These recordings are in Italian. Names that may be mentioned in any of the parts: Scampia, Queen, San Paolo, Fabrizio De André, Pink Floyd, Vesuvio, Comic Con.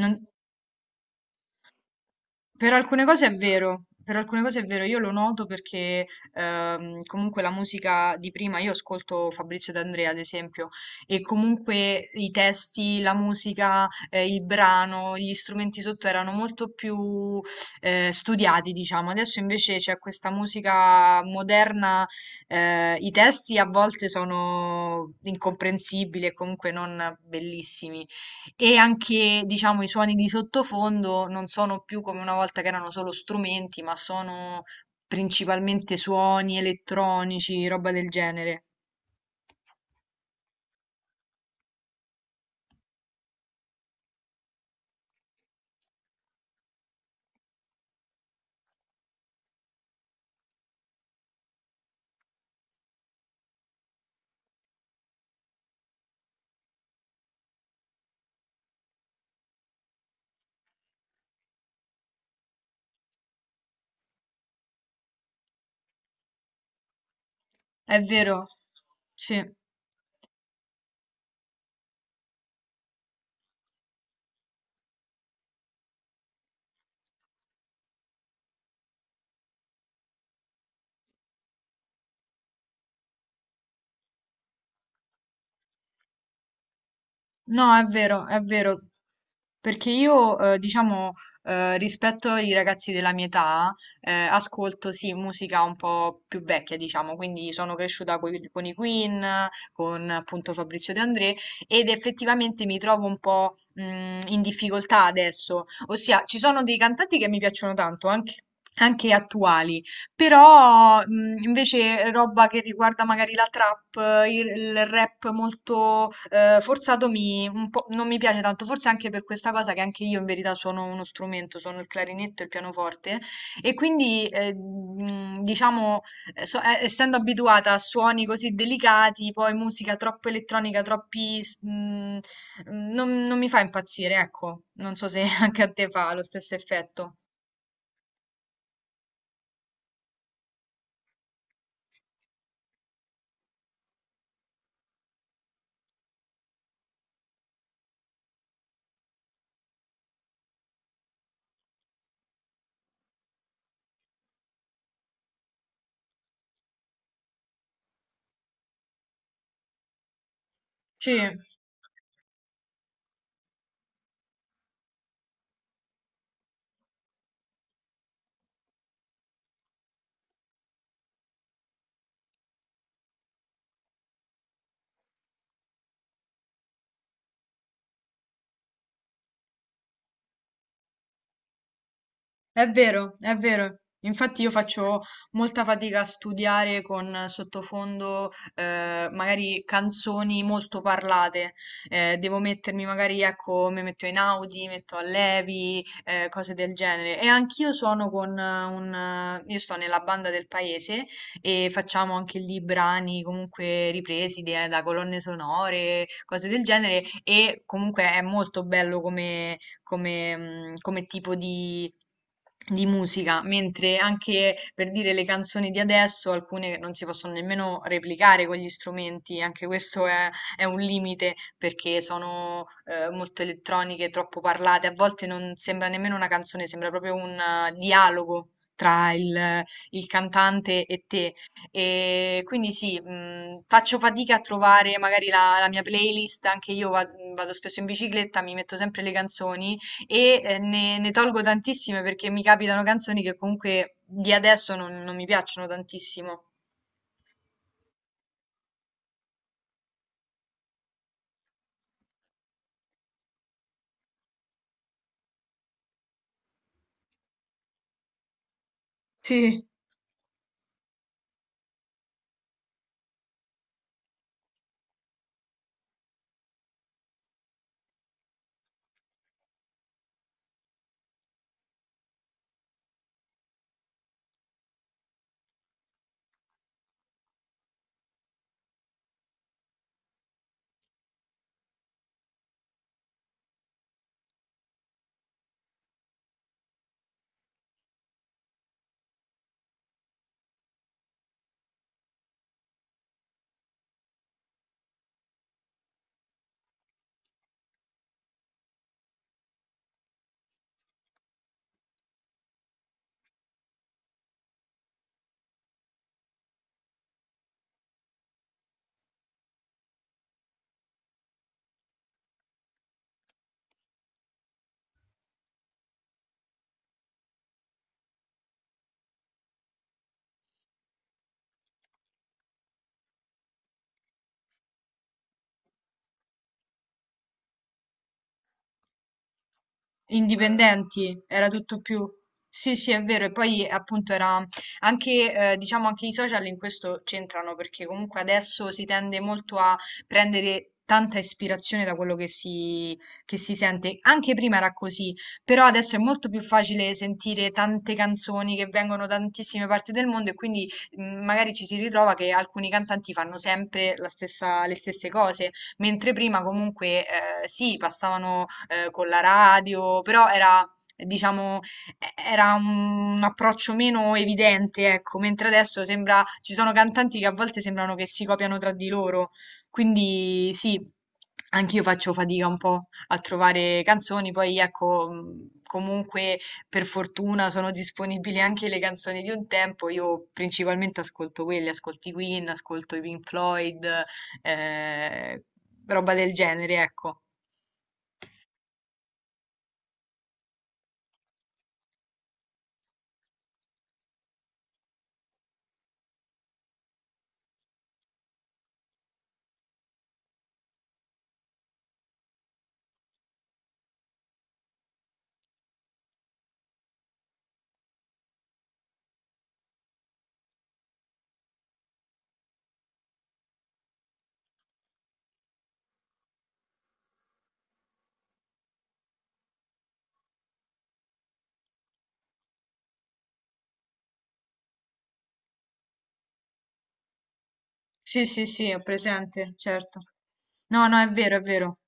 Non- per alcune cose è vero, per alcune cose è vero, io lo noto perché comunque la musica di prima, io ascolto Fabrizio D'Andrea ad esempio, e comunque i testi, la musica, il brano, gli strumenti sotto erano molto più studiati, diciamo. Adesso invece c'è questa musica moderna, i testi a volte sono incomprensibili e comunque non bellissimi. E anche, diciamo, i suoni di sottofondo non sono più come una volta che erano solo strumenti, ma sono principalmente suoni elettronici, roba del genere. È vero? Sì. No, è vero, perché io, diciamo, rispetto ai ragazzi della mia età, ascolto, sì, musica un po' più vecchia, diciamo, quindi sono cresciuta con, i Queen, con appunto Fabrizio De André, ed effettivamente mi trovo un po', in difficoltà adesso, ossia ci sono dei cantanti che mi piacciono tanto, anche attuali, però, invece roba che riguarda magari la trap, il rap molto, forzato mi un po' non mi piace tanto, forse anche per questa cosa che anche io in verità suono uno strumento, suono il clarinetto e il pianoforte e quindi, diciamo, essendo abituata a suoni così delicati, poi musica troppo elettronica, troppi s mhmm, mhmm, non mi fa impazzire, ecco. Non so se anche a te fa lo stesso effetto. Sì. È vero, è vero. Infatti io faccio molta fatica a studiare con sottofondo magari canzoni molto parlate. Devo mettermi magari, ecco, mi metto in Audi, metto a Levi, cose del genere. E anch'io suono con io sto nella banda del paese e facciamo anche lì brani comunque ripresi da colonne sonore, cose del genere. E comunque è molto bello come, come tipo di musica, mentre anche per dire le canzoni di adesso, alcune non si possono nemmeno replicare con gli strumenti, anche questo è un limite perché sono molto elettroniche, troppo parlate, a volte non sembra nemmeno una canzone, sembra proprio un dialogo. Tra il il cantante e te, e quindi sì, faccio fatica a trovare magari la, la mia playlist, vado spesso in bicicletta, mi metto sempre le canzoni e ne tolgo tantissime perché mi capitano canzoni che comunque di adesso non mi piacciono tantissimo. Sì. Indipendenti, era tutto più. Sì, sì, è vero. E poi appunto era anche, diciamo, anche i social in questo c'entrano perché comunque adesso si tende molto a prendere tanta ispirazione da quello che si sente. Anche prima era così, però adesso è molto più facile sentire tante canzoni che vengono da tantissime parti del mondo e quindi magari ci si ritrova che alcuni cantanti fanno sempre le stesse cose mentre prima comunque sì, passavano con la radio, però era, diciamo, era un approccio meno evidente, ecco, mentre adesso sembra, ci sono cantanti che a volte sembrano che si copiano tra di loro, quindi sì, anch'io faccio fatica un po' a trovare canzoni, poi ecco, comunque per fortuna sono disponibili anche le canzoni di un tempo, io principalmente ascolto quelle, ascolto i Queen, ascolto i Pink Floyd, eh, roba del genere, ecco. Sì, sì, sì, ho presente, certo. No, no, è vero, è vero.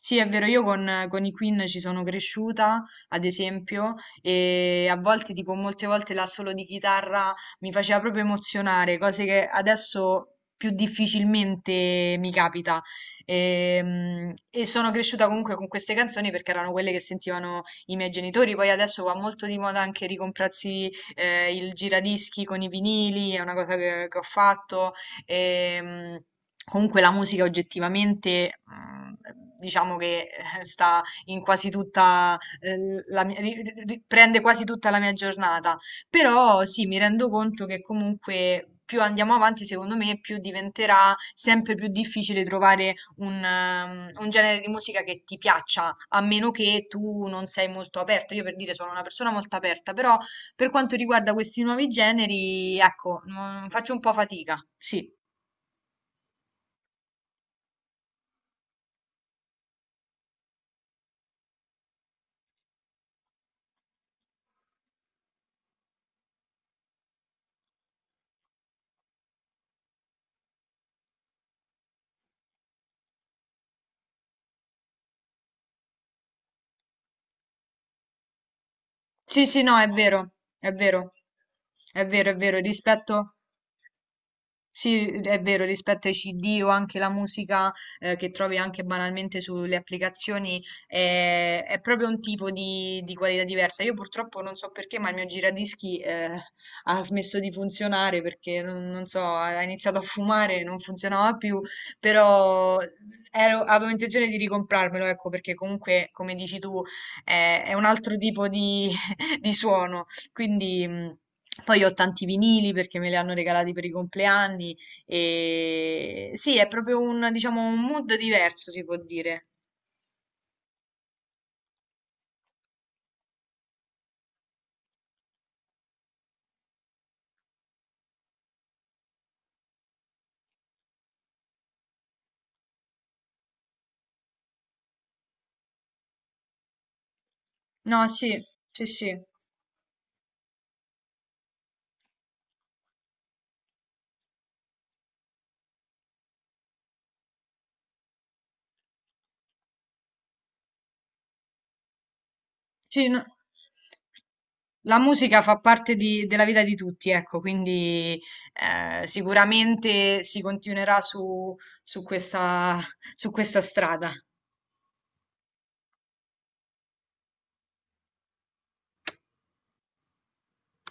Sì, è vero, io con i Queen ci sono cresciuta, ad esempio, e a volte, tipo, molte volte l'assolo di chitarra mi faceva proprio emozionare, cose che adesso più difficilmente mi capita. E sono cresciuta comunque con queste canzoni perché erano quelle che sentivano i miei genitori. Poi adesso va molto di moda anche ricomprarsi il giradischi con i vinili, è una cosa che ho fatto. Ehm, comunque la musica oggettivamente, diciamo che sta in quasi tutta, la mia ri ri ri prende quasi tutta la mia giornata. Però sì, mi rendo conto che comunque più andiamo avanti, secondo me, più diventerà sempre più difficile trovare un un genere di musica che ti piaccia, a meno che tu non sei molto aperto. Io per dire sono una persona molto aperta, però per quanto riguarda questi nuovi generi, ecco, non faccio un po' fatica, sì. Sì, sì, no, è vero, è vero, è vero, è vero, rispetto, sì, è vero, rispetto ai CD o anche la musica che trovi anche banalmente sulle applicazioni, è proprio un tipo di qualità diversa. Io purtroppo non so perché, ma il mio giradischi ha smesso di funzionare perché non, non so, ha iniziato a fumare, non funzionava più, però avevo intenzione di ricomprarmelo, ecco, perché comunque, come dici tu, è un altro tipo di di suono. Quindi poi ho tanti vinili perché me li hanno regalati per i compleanni e sì, è proprio un, diciamo, un mood diverso, si può dire. No, sì, sì, sì. Sì, no. La musica fa parte della vita di tutti, ecco, quindi sicuramente si continuerà su, su questa, su questa strada.